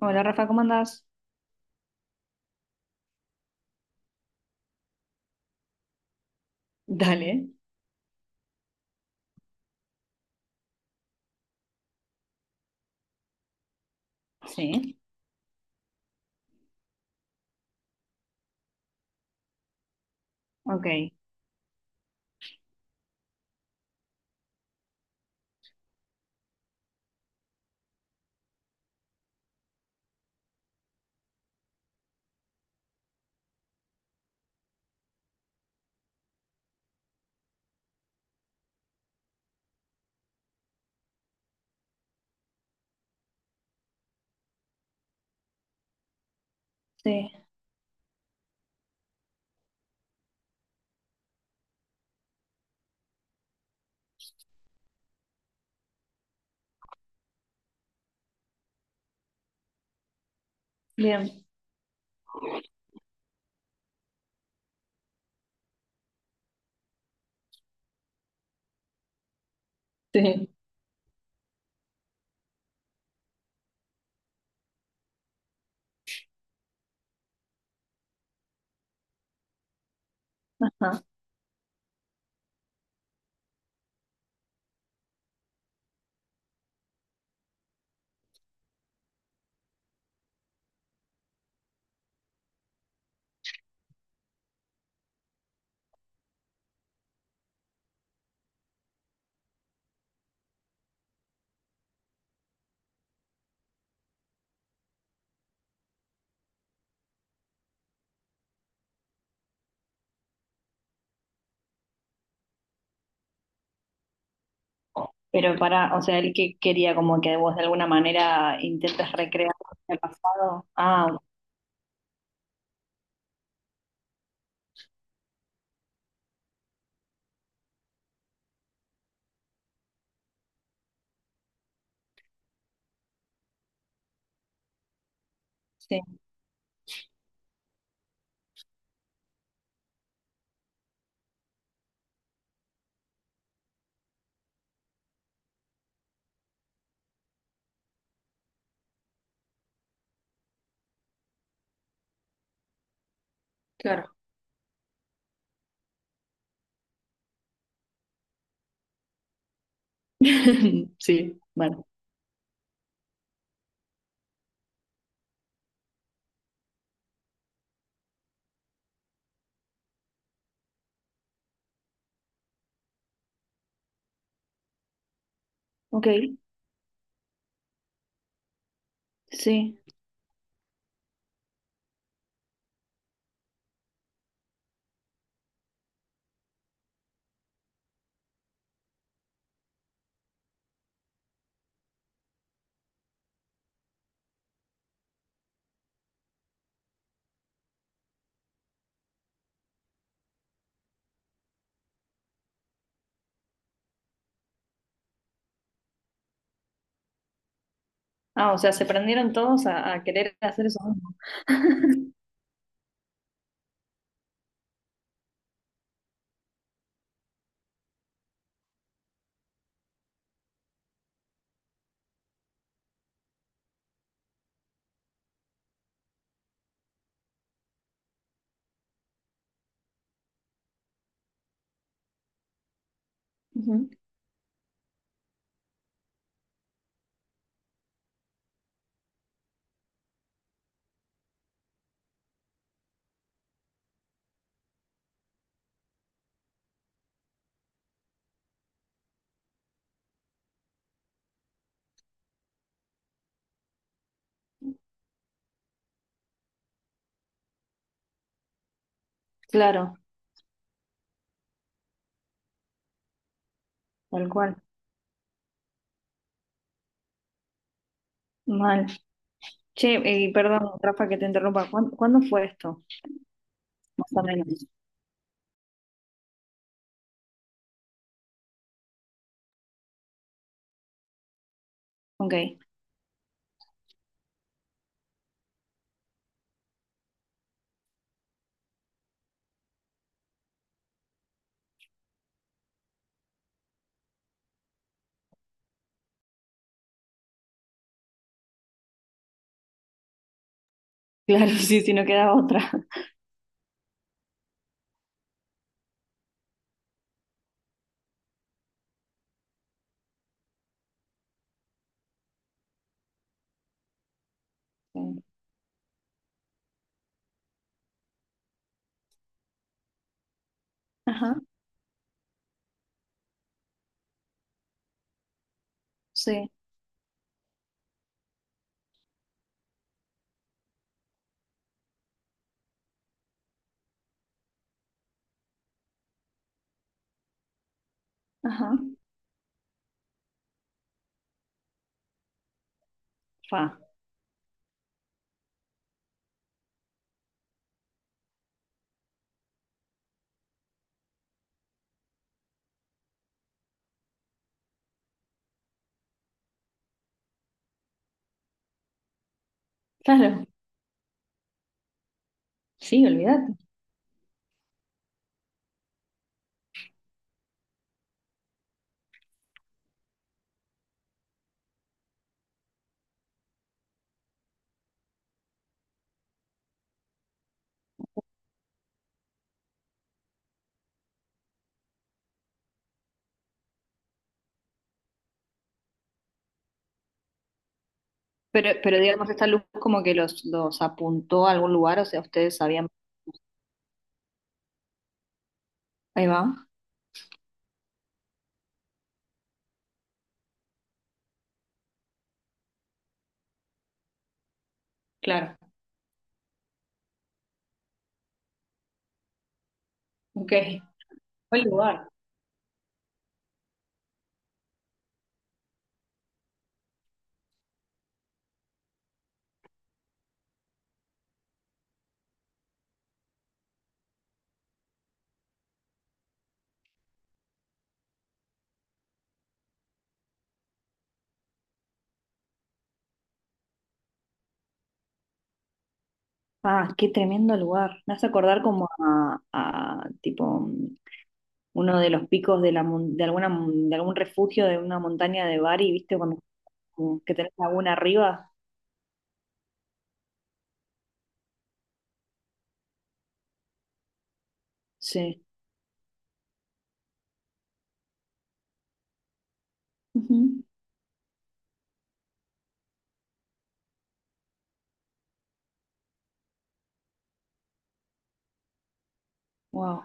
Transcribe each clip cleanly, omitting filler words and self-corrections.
Hola Rafa, ¿cómo andás? Dale, sí. Ok, sí, bien, sí, ajá. Pero para, o sea, él que quería como que vos de alguna manera intentes recrear el pasado. Ah, ok, sí, claro. Sí, vale. Ok, sí. Ah, o sea, se prendieron todos a querer hacer eso mismo. Ujú. Claro, tal cual. Mal. Che, y perdón, Rafa, que te interrumpa. ¿Cuán- ¿Cuándo fue esto? Más o menos. Ok, claro, sí, si no queda otra. Ajá, sí, ajá, fa, claro, sí, olvídate. Pero digamos, esta luz como que los apuntó a algún lugar, o sea, ustedes sabían. Ahí va, claro, ok. ¿Cuál lugar? Ah, qué tremendo lugar. Me hace acordar como a, tipo uno de los picos de la mon- de alguna mon- de algún refugio de una montaña de Bari, ¿viste? Cuando como que tenés laguna arriba. Sí. Wow.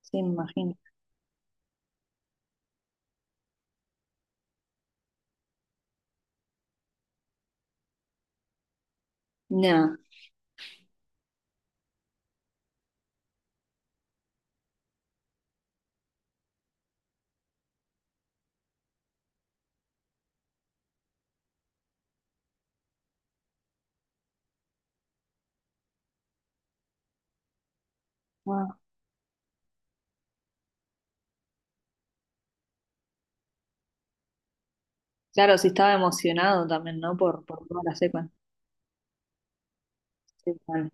Sí, me imagino. Nada. Claro, sí estaba emocionado también, ¿no? Por toda la secuencia. Sí, vale.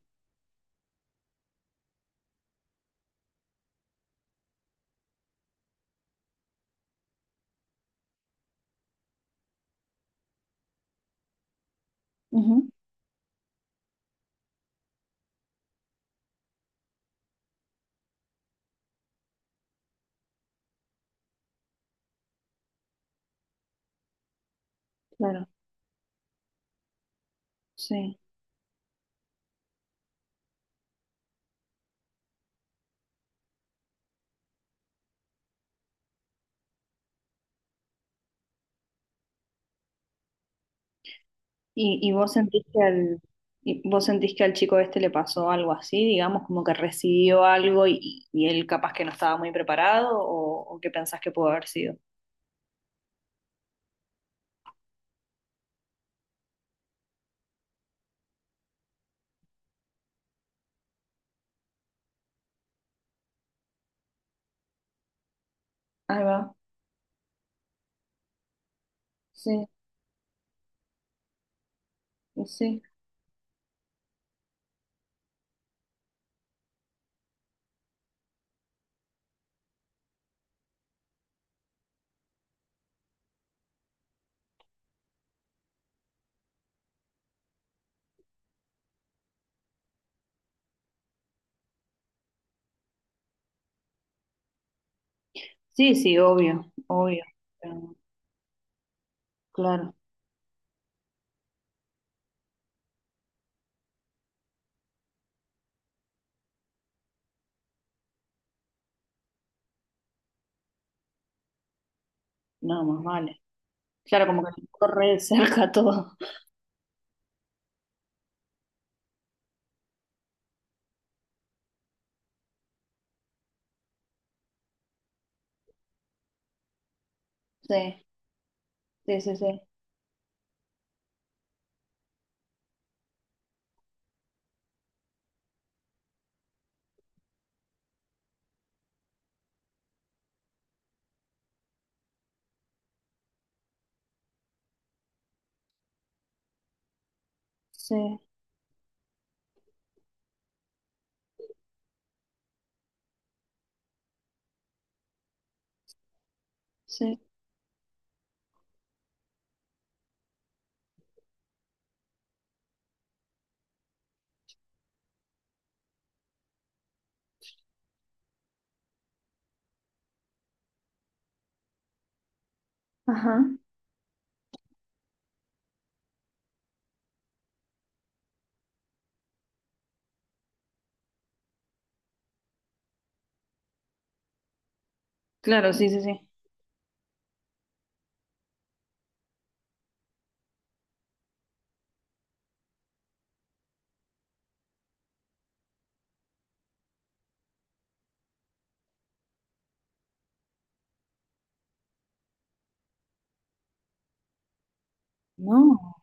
Ujú, claro, sí. Y vos sentís que al, y vos sentís que al chico este le pasó algo así, digamos, como que recibió algo y él capaz que no estaba muy preparado o qué pensás que pudo haber sido? Ahí va, sí, y sí. Sí, sí, obvio, obvio. Pero, claro, no, más vale. Claro, como que le corre de cerca todo. Sí, sí, sí, sí, sí, sí. Ajá. Claro, sí, sí, sí. No.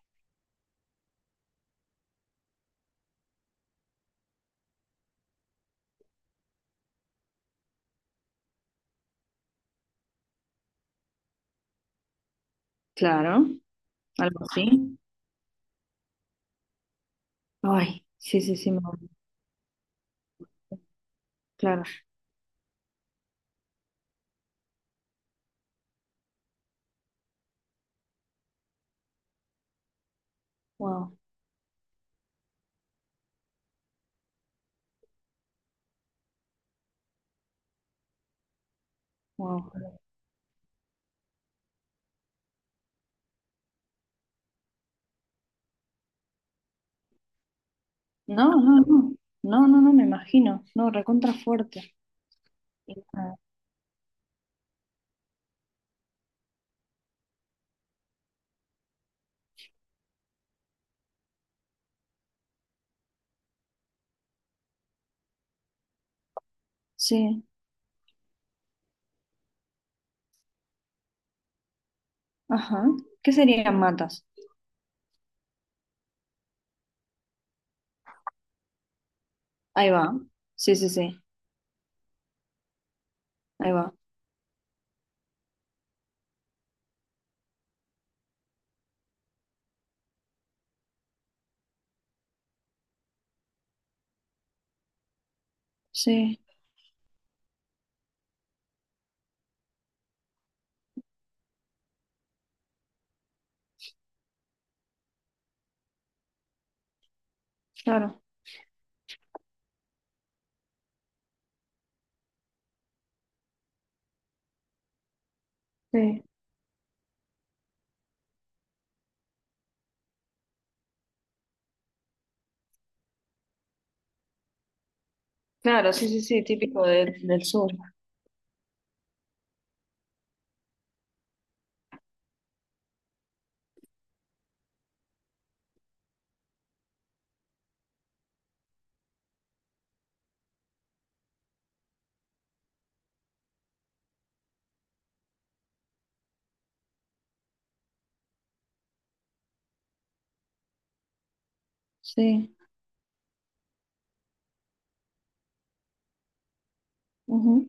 Claro, algo así. Ay, sí, sí, sí, me- claro. Wow, wow. No, no, no. No, no, no, me imagino. No, recontra fuerte. Ah, sí, ajá. ¿Qué serían matas? Ahí va. Sí, sí, sí. Ahí va. Sí, claro. Sí. Claro, sí, sí, sí, típico de- del sur. Sí. Ujú.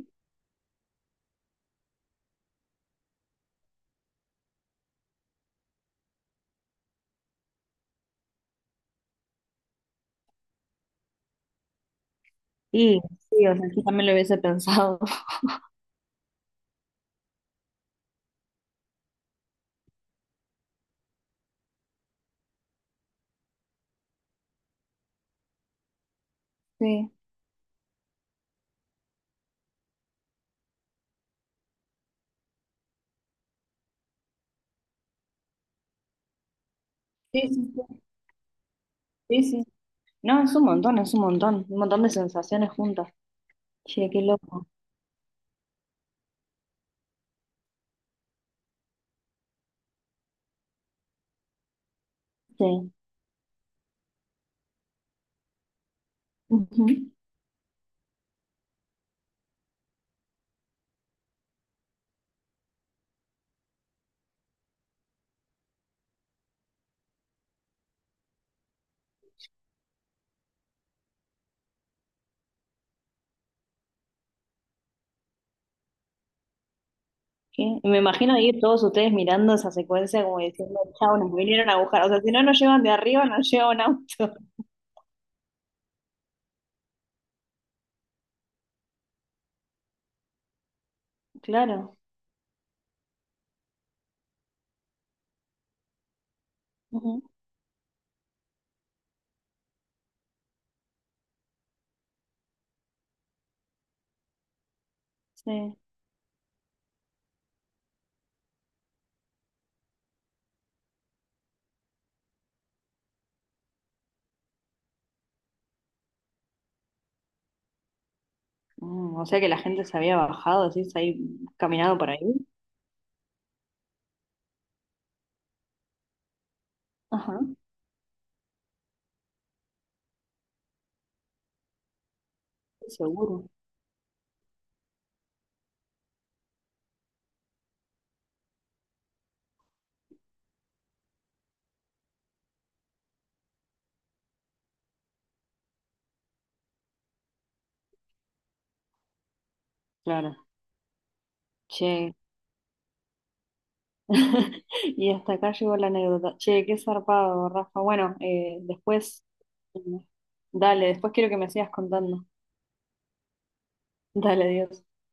Y sí, o sea, yo también lo hubiese pensado. Sí. Sí, sí, sí. Sí, sí. No, es un montón, es un montón. Un montón de sensaciones juntas. Che, qué loco. Sí. Ujú. ¿Qué? Me imagino ir todos ustedes mirando esa secuencia como diciendo, chao, nos vinieron a buscar. O sea, si no nos llevan de arriba, nos lleva un auto. Claro. Ujú. Sí. Mm, o sea que la gente se había bajado, así, se había caminado por ahí. Ajá. Seguro. Claro. Che. Y hasta acá llegó la anécdota. Che, qué zarpado, Rafa. Bueno, después, dale, después quiero que me sigas contando. Dale, Dios.